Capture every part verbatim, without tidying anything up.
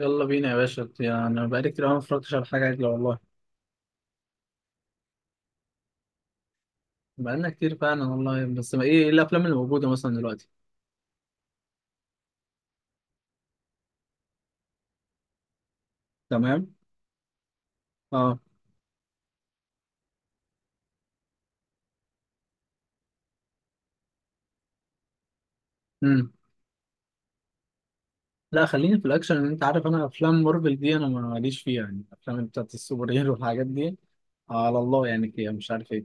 يلا بينا يا باشا، يعني أنا بقالي كتير أوي ما اتفرجتش على حاجة عدلة والله. بقالنا كتير فعلا والله، بس ما إيه إيه الأفلام اللي موجودة مثلا دلوقتي؟ تمام. أه. أمم. لا، خليني في الأكشن، لأن أنت عارف أنا أفلام مارفل دي أنا ماليش فيها، يعني الأفلام بتاعت السوبر هيرو والحاجات دي. على الله يعني كده، مش عارف إيه.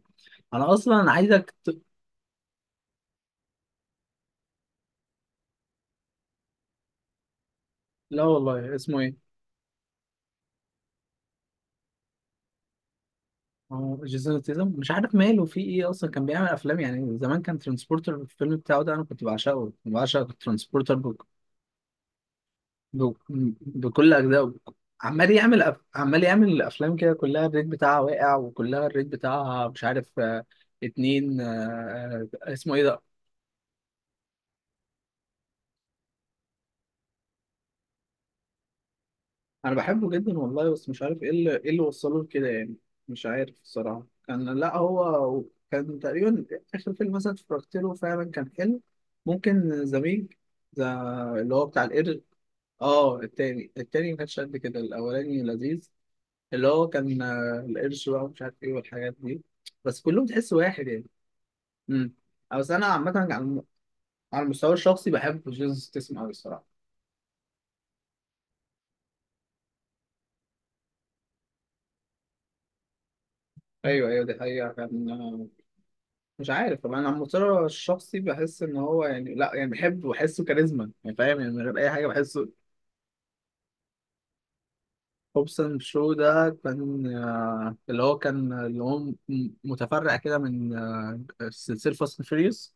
أنا أصلا عايزك ت... لا والله، اسمه إيه؟ أه، جيسون ستيثم مش عارف ماله في إيه، أصلا كان بيعمل أفلام يعني زمان، كان ترانسبورتر. الفيلم بتاعه ده أنا كنت بعشقه، بعشق الترانسبورتر ب- بكل أجزائه. عمال يعمل أف... عمال يعمل الأفلام كده، كلها الريت بتاعها واقع، وكلها الريت بتاعها مش عارف آه، اتنين آه، آه، اسمه إيه ده؟ أنا بحبه جدا والله، بس مش عارف إيه اللي, إيه اللي وصله لكده يعني. مش عارف الصراحة، كان لا هو كان تقريبا آخر فيلم مثلا اتفرجت له فعلا كان حلو. ممكن زميج، ده اللي هو بتاع القرد. اه، التاني التاني ما كانش قد كده، الأولاني لذيذ، اللي هو كان آه، القرش بقى ومش عارف ايه والحاجات دي. بس كلهم تحس واحد يعني. امم. بس انا عامة على الم- على المستوى الشخصي بحب جيسوس ستيسم قوي الصراحة. ايوه ايوه، دي حقيقة كان آه، مش عارف طبعا. انا على المستوى الشخصي بحس ان هو يعني لا، يعني بحبه، بحسه كاريزما يعني، فاهم يعني، من غير اي حاجة بحسه. هوبسون شو ده كان آه، اللي هو كان آه، اللي هو م- متفرع كده من آه، سلسلة فاست اند فيريوس.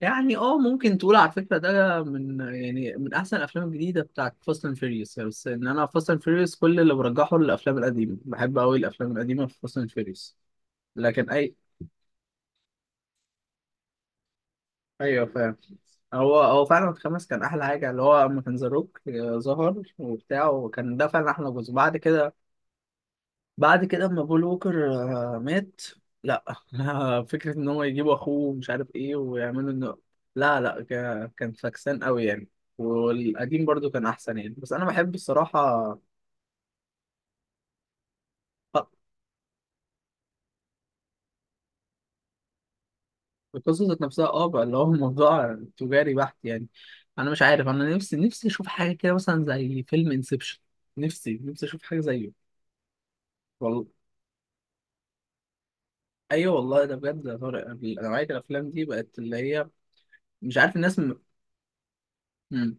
يعني اه، ممكن تقول على فكرة ده من، يعني من أحسن الأفلام الجديدة بتاعت فاست أند فيريوس، بس إن أنا فاست أند فيريوس كل اللي برجحه للأفلام القديمة، بحب أوي الأفلام القديمة في فاست أند فيريوس. لكن أي. أيوه فاهم. هو هو فعلا الخامس كان أحلى حاجة، اللي هو لما كان ذا روك ظهر وبتاع، وكان ده فعلا أحلى جزء. بعد كده، بعد كده اما بول ووكر آه، مات. لا. فكرة ان هو يجيبوا اخوه ومش عارف ايه ويعملوا انه. لا لا، ك- كان فاكسان قوي يعني. والقديم برضو كان احسن يعني. بس انا بحب الصراحة آه، القصة ذات نفسها اه بقى اللي هو الموضوع تجاري بحت يعني. انا مش عارف، انا نفسي نفسي اشوف حاجة كده مثلا زي فيلم انسبشن. نفسي نفسي اشوف حاجة زيه. والله، ايوه والله، ده بجد يا طارق، نوعية الافلام دي بقت اللي هي مش عارف الناس. م...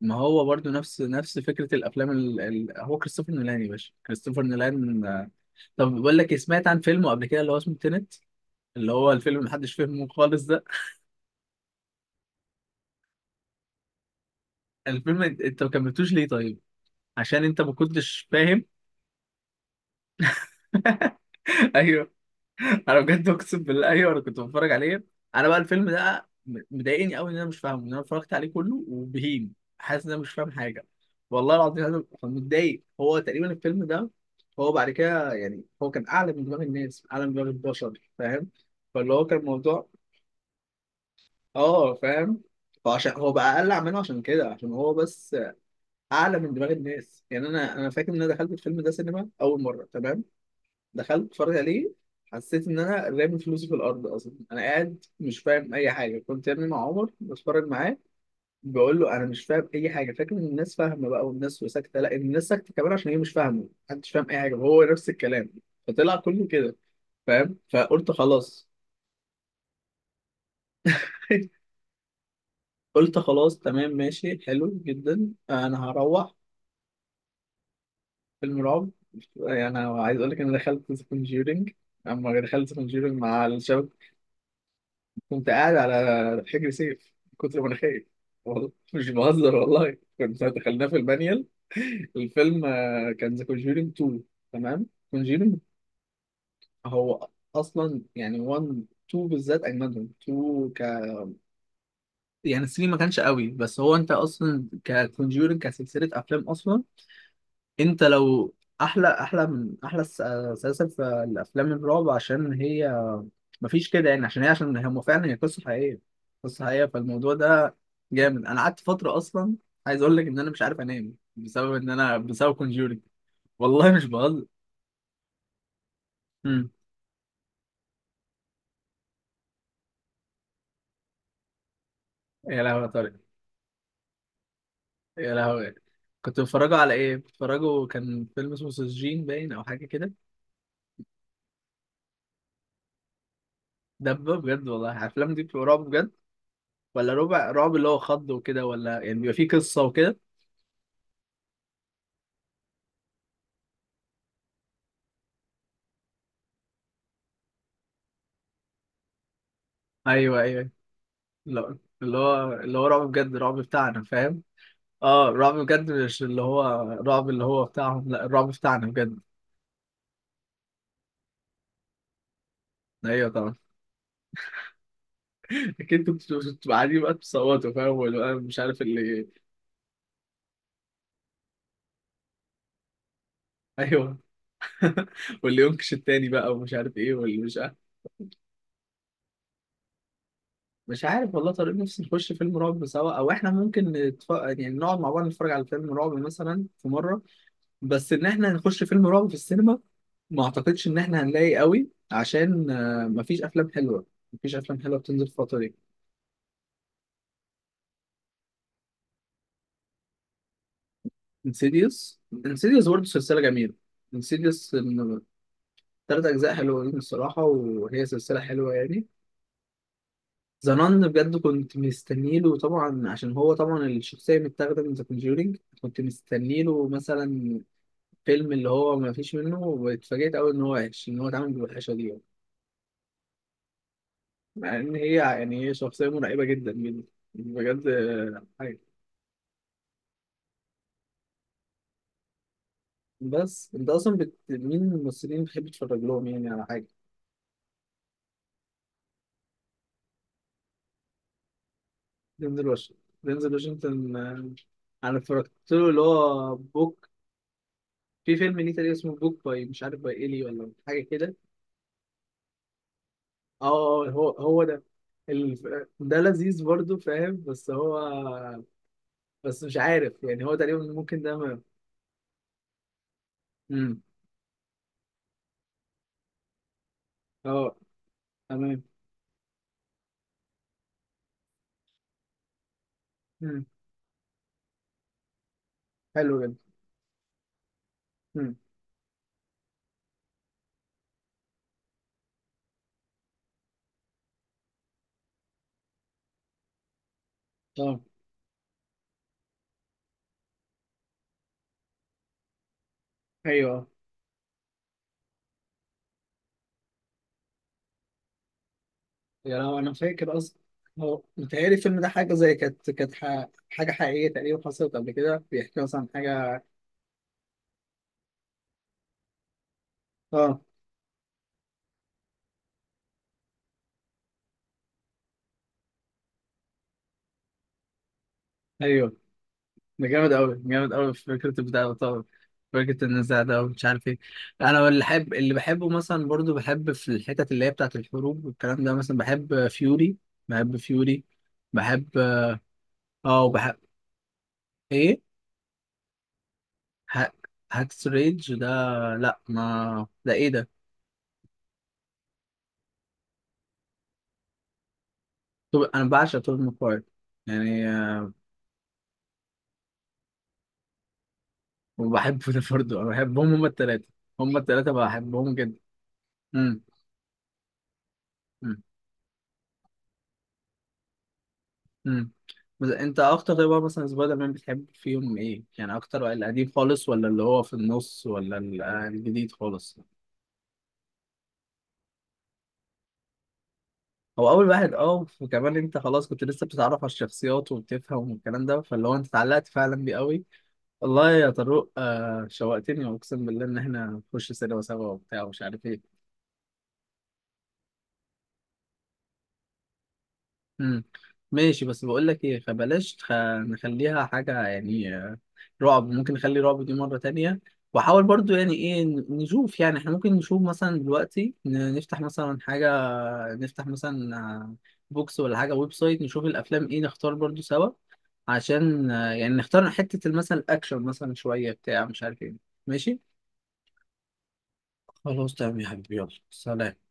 ما هو برضو نفس نفس فكرة الأفلام ال... ال... هو كريستوفر نولان يا باشا، كريستوفر نولان آه، طب بقول لك إيه، سمعت عن فيلمه قبل كده اللي هو اسمه تينت، اللي هو الفيلم اللي محدش فهمه خالص ده. الفيلم، أنت أنت ما كملتوش ليه طيب؟ عشان أنت ما كنتش فاهم. أيوه. انا بجد اقسم بالله ايوه، انا كنت بتفرج عليه. انا بقى الفيلم ده م- مضايقني قوي ان انا مش فاهمه، ان انا اتفرجت عليه كله وبهيم حاسس ان انا مش فاهم حاجه. والله العظيم انا كنت متضايق، هو تقريبا الفيلم ده هو بعد كده يعني، هو كان اعلى من دماغ الناس، اعلى من دماغ البشر فاهم. فاللي هو كان الموضوع اه، فاهم. فعشان هو بقى اقل عمله، عشان كده، عشان هو بس اعلى من دماغ الناس يعني. انا انا فاكر ان انا دخلت الفيلم ده سينما اول مره تمام. دخلت اتفرج عليه، حسيت ان انا رامي فلوسي في الارض اصلا. انا قاعد مش فاهم اي حاجه، كنت يا ابني مع عمر بتفرج معاه، بقول له انا مش فاهم اي حاجه. فاكر ان الناس فاهمه بقى والناس ساكته. لا، الناس ساكته كمان عشان هي مش فاهمه، محدش فاهم اي حاجه، وهو نفس الكلام. فطلع كله كده فاهم، فقلت خلاص. قلت خلاص، تمام، ماشي حلو جدا، انا هروح. فيلم رعب، يعني أنا عايز اقول لك، انا دخلت ذا كونجورينج، اما دخلت ذا كونجورينج مع الشباب، كنت قاعد على حجر سيف من كتر ما انا خايف. والله مش بهزر، والله كنت دخلنا في المانيال. الفيلم آه، كان ذا كونجورينج اتنين. تمام كونجورينج. هو اصلا يعني واحد اتنين بالذات، اجمدهم اتنين ك. يعني تلاتة ما كانش قوي. بس هو انت اصلا ككونجورينج كسلسله افلام اصلا، انت لو احلى، احلى من احلى الس- سلاسل في الافلام الرعب، عشان هي مفيش كده يعني، عشان هي عشان هم فعلا، هي قصه حقيقيه، قصه حقيقيه. فالموضوع ده جامد. انا قعدت فتره اصلا، عايز اقول لك ان انا مش عارف انام بسبب ان انا بسبب كونجورينج، والله مش بهزر. امم. يا لهوي يا طارق. يا لهوي. كنت بتفرجوا على ايه؟ بتفرجوا كان فيلم اسمه سجين باين او حاجه كده؟ دبه بجد والله، الافلام دي بتبقى رعب بجد، ولا ربع رعب اللي هو خض وكده، ولا يعني بيبقى فيه قصه وكده؟ ايوه ايوه. لا، اللي هو اللي هو رعب بجد، رعب بتاعنا فاهم. اه، الرعب بجد، مش اللي هو الرعب اللي هو بتاعهم، لا الرعب بتاعنا بجد. ايوه طبعا. اكيد انتوا بتبقوا بتبقوا قاعدين بقى بتصوتوا، فاهم، واللي بقى مش عارف اللي. ايوه. واللي ينكش التاني بقى ومش عارف ايه واللي مش عارف. مش عارف والله طارق، نفسي نخش فيلم رعب سوا، او احنا ممكن نتف... يعني نقعد مع بعض نتفرج على فيلم رعب مثلا في مره. بس ان احنا نخش فيلم رعب في السينما، ما اعتقدش ان احنا هنلاقي قوي، عشان آه، مفيش افلام حلوه. مفيش افلام حلوه بتنزل الفتره دي. انسيديوس. انسيديوس برضه سلسلة جميلة. انسيديوس من تلات أجزاء حلوين. الصراحة، وهي سلسلة حلوة يعني. ذا نان بجد كنت مستنيله طبعا، عشان هو طبعا الشخصية متاخدة من ذا كونجورينج. كنت مستنيله مثلا فيلم اللي هو ما فيش منه، واتفاجئت أوي إن هو وحش، إن هو اتعمل بالوحشة دي يعني. مع إن هي يعني هي شخصية مرعبة جدا جدا. بجد آه، حاجة. بس أنت أصلا بت... مين الممثلين بتحب تتفرج لهم يعني على حاجة؟ دينزل واشنطن. دينزل واشنطن آه، انا اتفرجت له اللي هو بوك. في فيلم ليه تقريبا اسمه بوك باي، مش عارف باي ايلي ولا حاجه كده. اه آه، هو هو ده. ال- ده لذيذ برضه فاهم، بس هو بس مش عارف، يعني هو تقريبا ممكن ده ما- امم. اه. تمام. امم. حلو جدا. امم. اه. ايوه. يا، لو انا فاكر اصلا، هو متهيألي الفيلم ده حاجة زي كانت كانت ح- حاجة حقيقية تقريبا حصلت قبل كده، بيحكي مثلا عن حاجة. اه ايوه. ده جامد قوي، جامد قوي في فكره البتاع ده طبعا، فكره النزاع ده ومش عارف ايه. انا اللي بحب، اللي بحبه مثلا برضو، بحب في الحتت اللي هي بتاعه الحروب والكلام ده، مثلا بحب فيوري. بحب فيوري. بحب اه، وبحب ايه؟ ه- هاكس ريج ده. لا، ما ده ايه ده؟ طب انا بعشق توب ماكواير يعني آه، وبحبه ده برضه انا بحبهم هما التلاتة. هما التلاتة بحبهم جدا. امم. إمم. امم. بس انت اكتر طيب بقى مثلا سبايدر مان بتحب فيهم ايه؟ يعني اكتر واحد، القديم خالص، ولا اللي هو في النص، ولا ال- آه، الجديد خالص؟ هو اول واحد اه، وكمان انت خلاص كنت لسه بتتعرف على الشخصيات وبتفهم والكلام ده، فاللي هو انت اتعلقت فعلا بيه قوي. والله يا طارق آه شوقتني، اقسم بالله ان احنا نخش سينما سوا وبتاع ومش عارف ايه. مم. ماشي، بس بقول لك ايه، فبلاش تخ... نخليها حاجه يعني آه، رعب. ممكن نخلي رعب دي مره تانية. وحاول برضو يعني ايه ن- نشوف، يعني احنا ممكن نشوف مثلا دلوقتي ن- نفتح مثلا حاجه. نفتح مثلا آه، بوكس ولا حاجه، ويب سايت، نشوف الافلام ايه، نختار برضو سوا. عشان آه، يعني نختار حته مثلا الاكشن، مثلا شويه بتاع مش عارف ايه. ماشي. خلاص تمام يا حبيبي، يلا سلام.